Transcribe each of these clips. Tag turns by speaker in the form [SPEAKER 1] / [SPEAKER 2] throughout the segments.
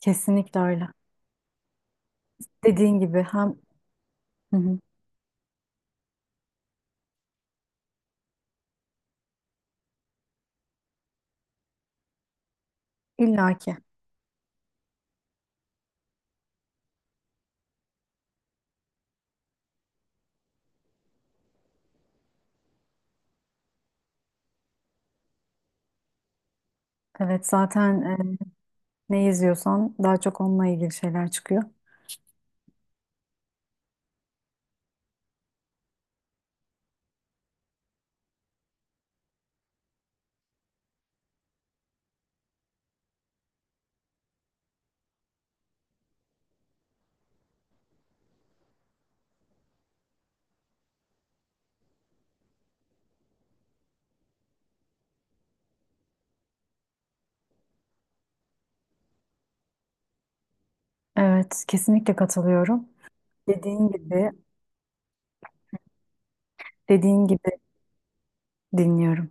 [SPEAKER 1] Kesinlikle öyle. Dediğin gibi hem hı hı, illaki. Evet zaten ne izliyorsan daha çok onunla ilgili şeyler çıkıyor. Evet kesinlikle katılıyorum. Dediğin gibi dediğin gibi dinliyorum.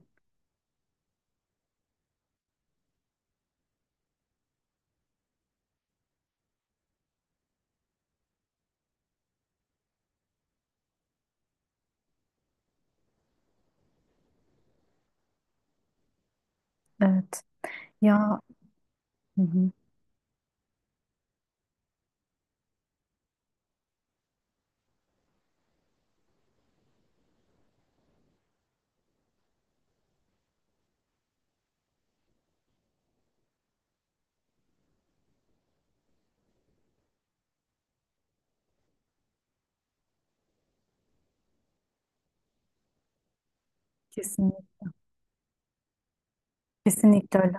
[SPEAKER 1] Evet. Ya hı hı, kesinlikle, kesinlikle öyle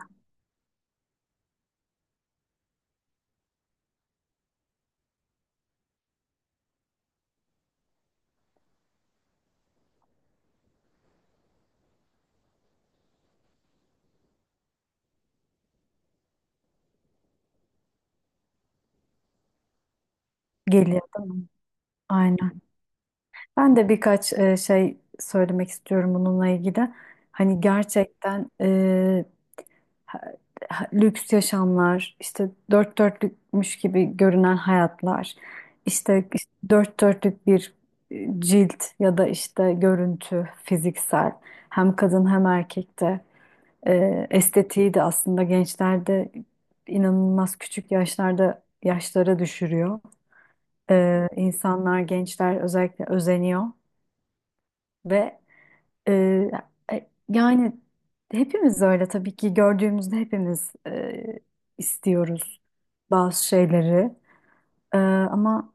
[SPEAKER 1] geliyor değil mi? Aynen. Ben de birkaç şey söylemek istiyorum bununla ilgili. Hani gerçekten ha- lüks yaşamlar, işte dört dörtlükmüş gibi görünen hayatlar, işte dört dörtlük bir cilt ya da işte görüntü fiziksel hem kadın hem erkekte estetiği de aslında gençlerde inanılmaz küçük yaşlarda yaşlara düşürüyor. İnsanlar gençler özellikle özeniyor ve ee, yani hepimiz öyle tabii ki gördüğümüzde hepimiz istiyoruz bazı şeyleri. Ama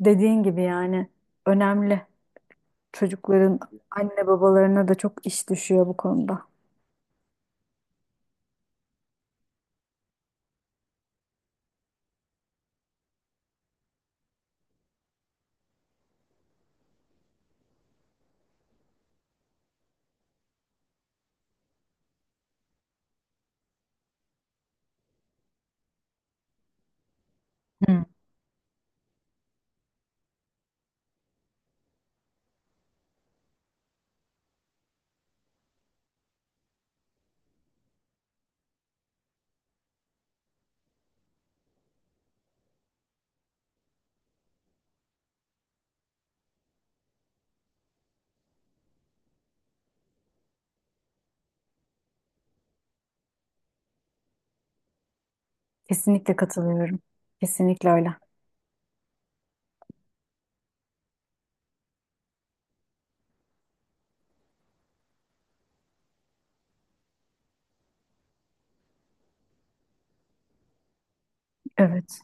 [SPEAKER 1] dediğin gibi yani önemli. Çocukların anne babalarına da çok iş düşüyor bu konuda. Hı. Kesinlikle katılıyorum. Kesinlikle öyle. Evet.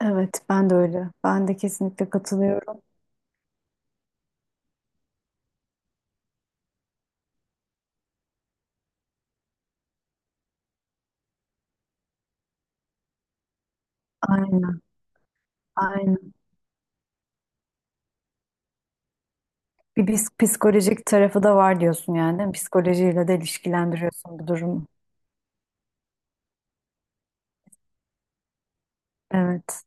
[SPEAKER 1] Evet, ben de öyle. Ben de kesinlikle katılıyorum. Aynen, aynen. Psikolojik tarafı da var diyorsun yani, değil mi? Psikolojiyle de ilişkilendiriyorsun bu durumu. Evet.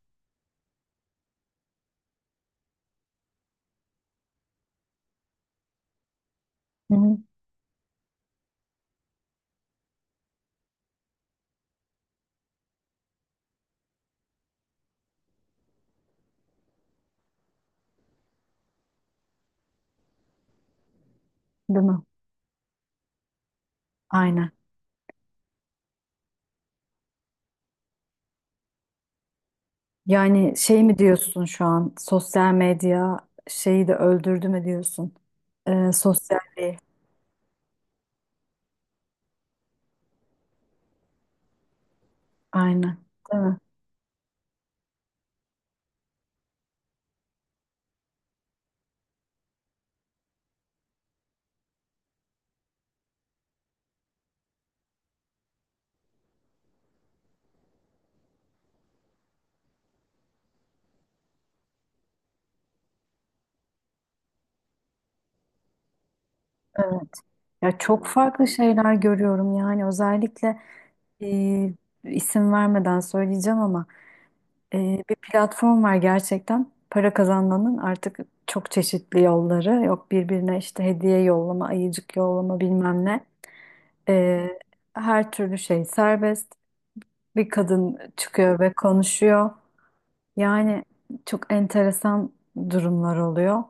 [SPEAKER 1] Hı hı, değil mi? Aynen. Yani şey mi diyorsun şu an? Sosyal medya şeyi de öldürdü mü diyorsun? Sosyalliği. Aynen. Değil mi? Evet. Ya çok farklı şeyler görüyorum yani özellikle e, isim vermeden söyleyeceğim ama bir platform var gerçekten para kazanmanın artık çok çeşitli yolları yok birbirine işte hediye yollama, ayıcık yollama bilmem ne. E, Her türlü şey serbest. Bir kadın çıkıyor ve konuşuyor. Yani çok enteresan durumlar oluyor.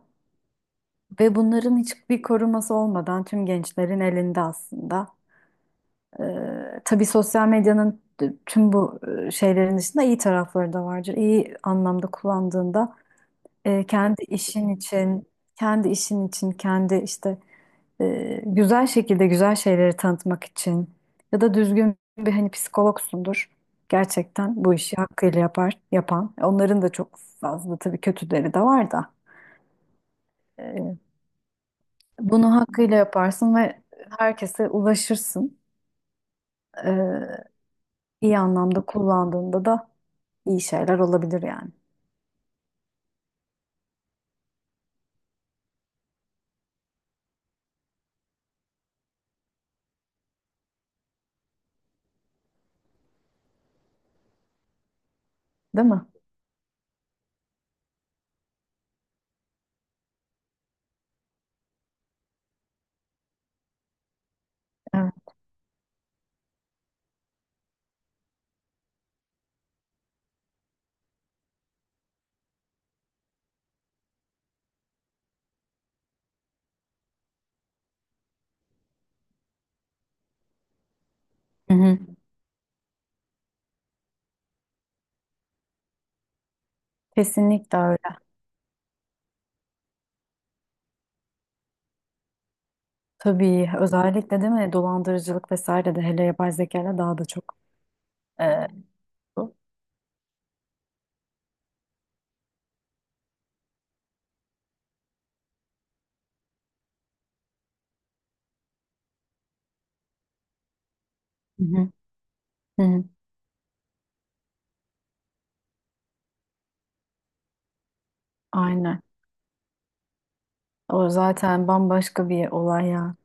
[SPEAKER 1] Ve bunların hiçbir koruması olmadan tüm gençlerin elinde aslında. Tabii sosyal medyanın tüm bu şeylerin dışında iyi tarafları da vardır. İyi anlamda kullandığında kendi işin için, kendi işin için, kendi işte güzel şekilde güzel şeyleri tanıtmak için ya da düzgün bir hani psikologsundur. Gerçekten bu işi hakkıyla yapar, yapan. Onların da çok fazla tabii kötüleri de var da. E, Bunu hakkıyla yaparsın ve herkese ulaşırsın. E, iyi anlamda kullandığında da iyi şeyler olabilir yani. Değil mi? Evet. Hı hı. Kesinlikle öyle. Tabii özellikle değil mi dolandırıcılık vesaire de hele yapay zeka ile daha da çok e, bu. Hı hı. Hı hı. Aynen. O zaten bambaşka bir olay ya.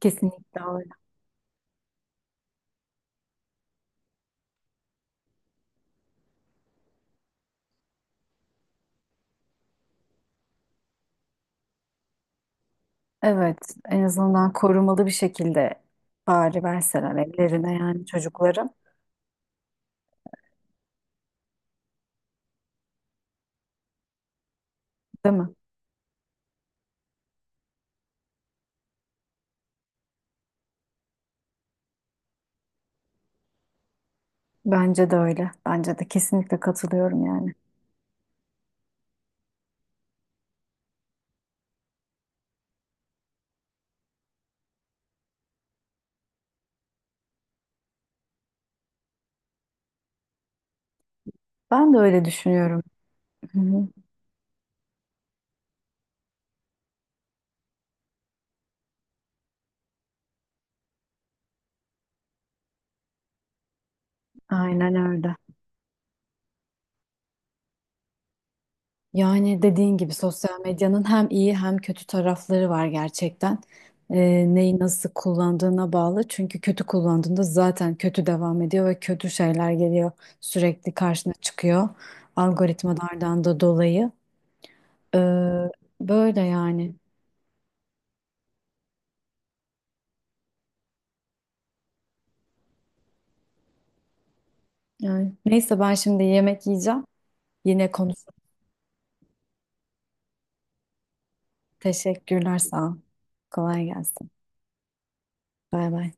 [SPEAKER 1] Kesinlikle öyle. Evet, en azından korumalı bir şekilde bari verseler evlerine yani çocukları. Değil mi? Bence de öyle. Bence de kesinlikle katılıyorum yani. Ben de öyle düşünüyorum. Hı hı. Aynen öyle. Yani dediğin gibi sosyal medyanın hem iyi hem kötü tarafları var gerçekten. Neyi nasıl kullandığına bağlı. Çünkü kötü kullandığında zaten kötü devam ediyor ve kötü şeyler geliyor. Sürekli karşına çıkıyor. Algoritmalardan da dolayı. Ee, Böyle yani. Yani neyse ben şimdi yemek yiyeceğim. Yine konuşuruz. Teşekkürler sağ ol. Kolay gelsin. Bay bay.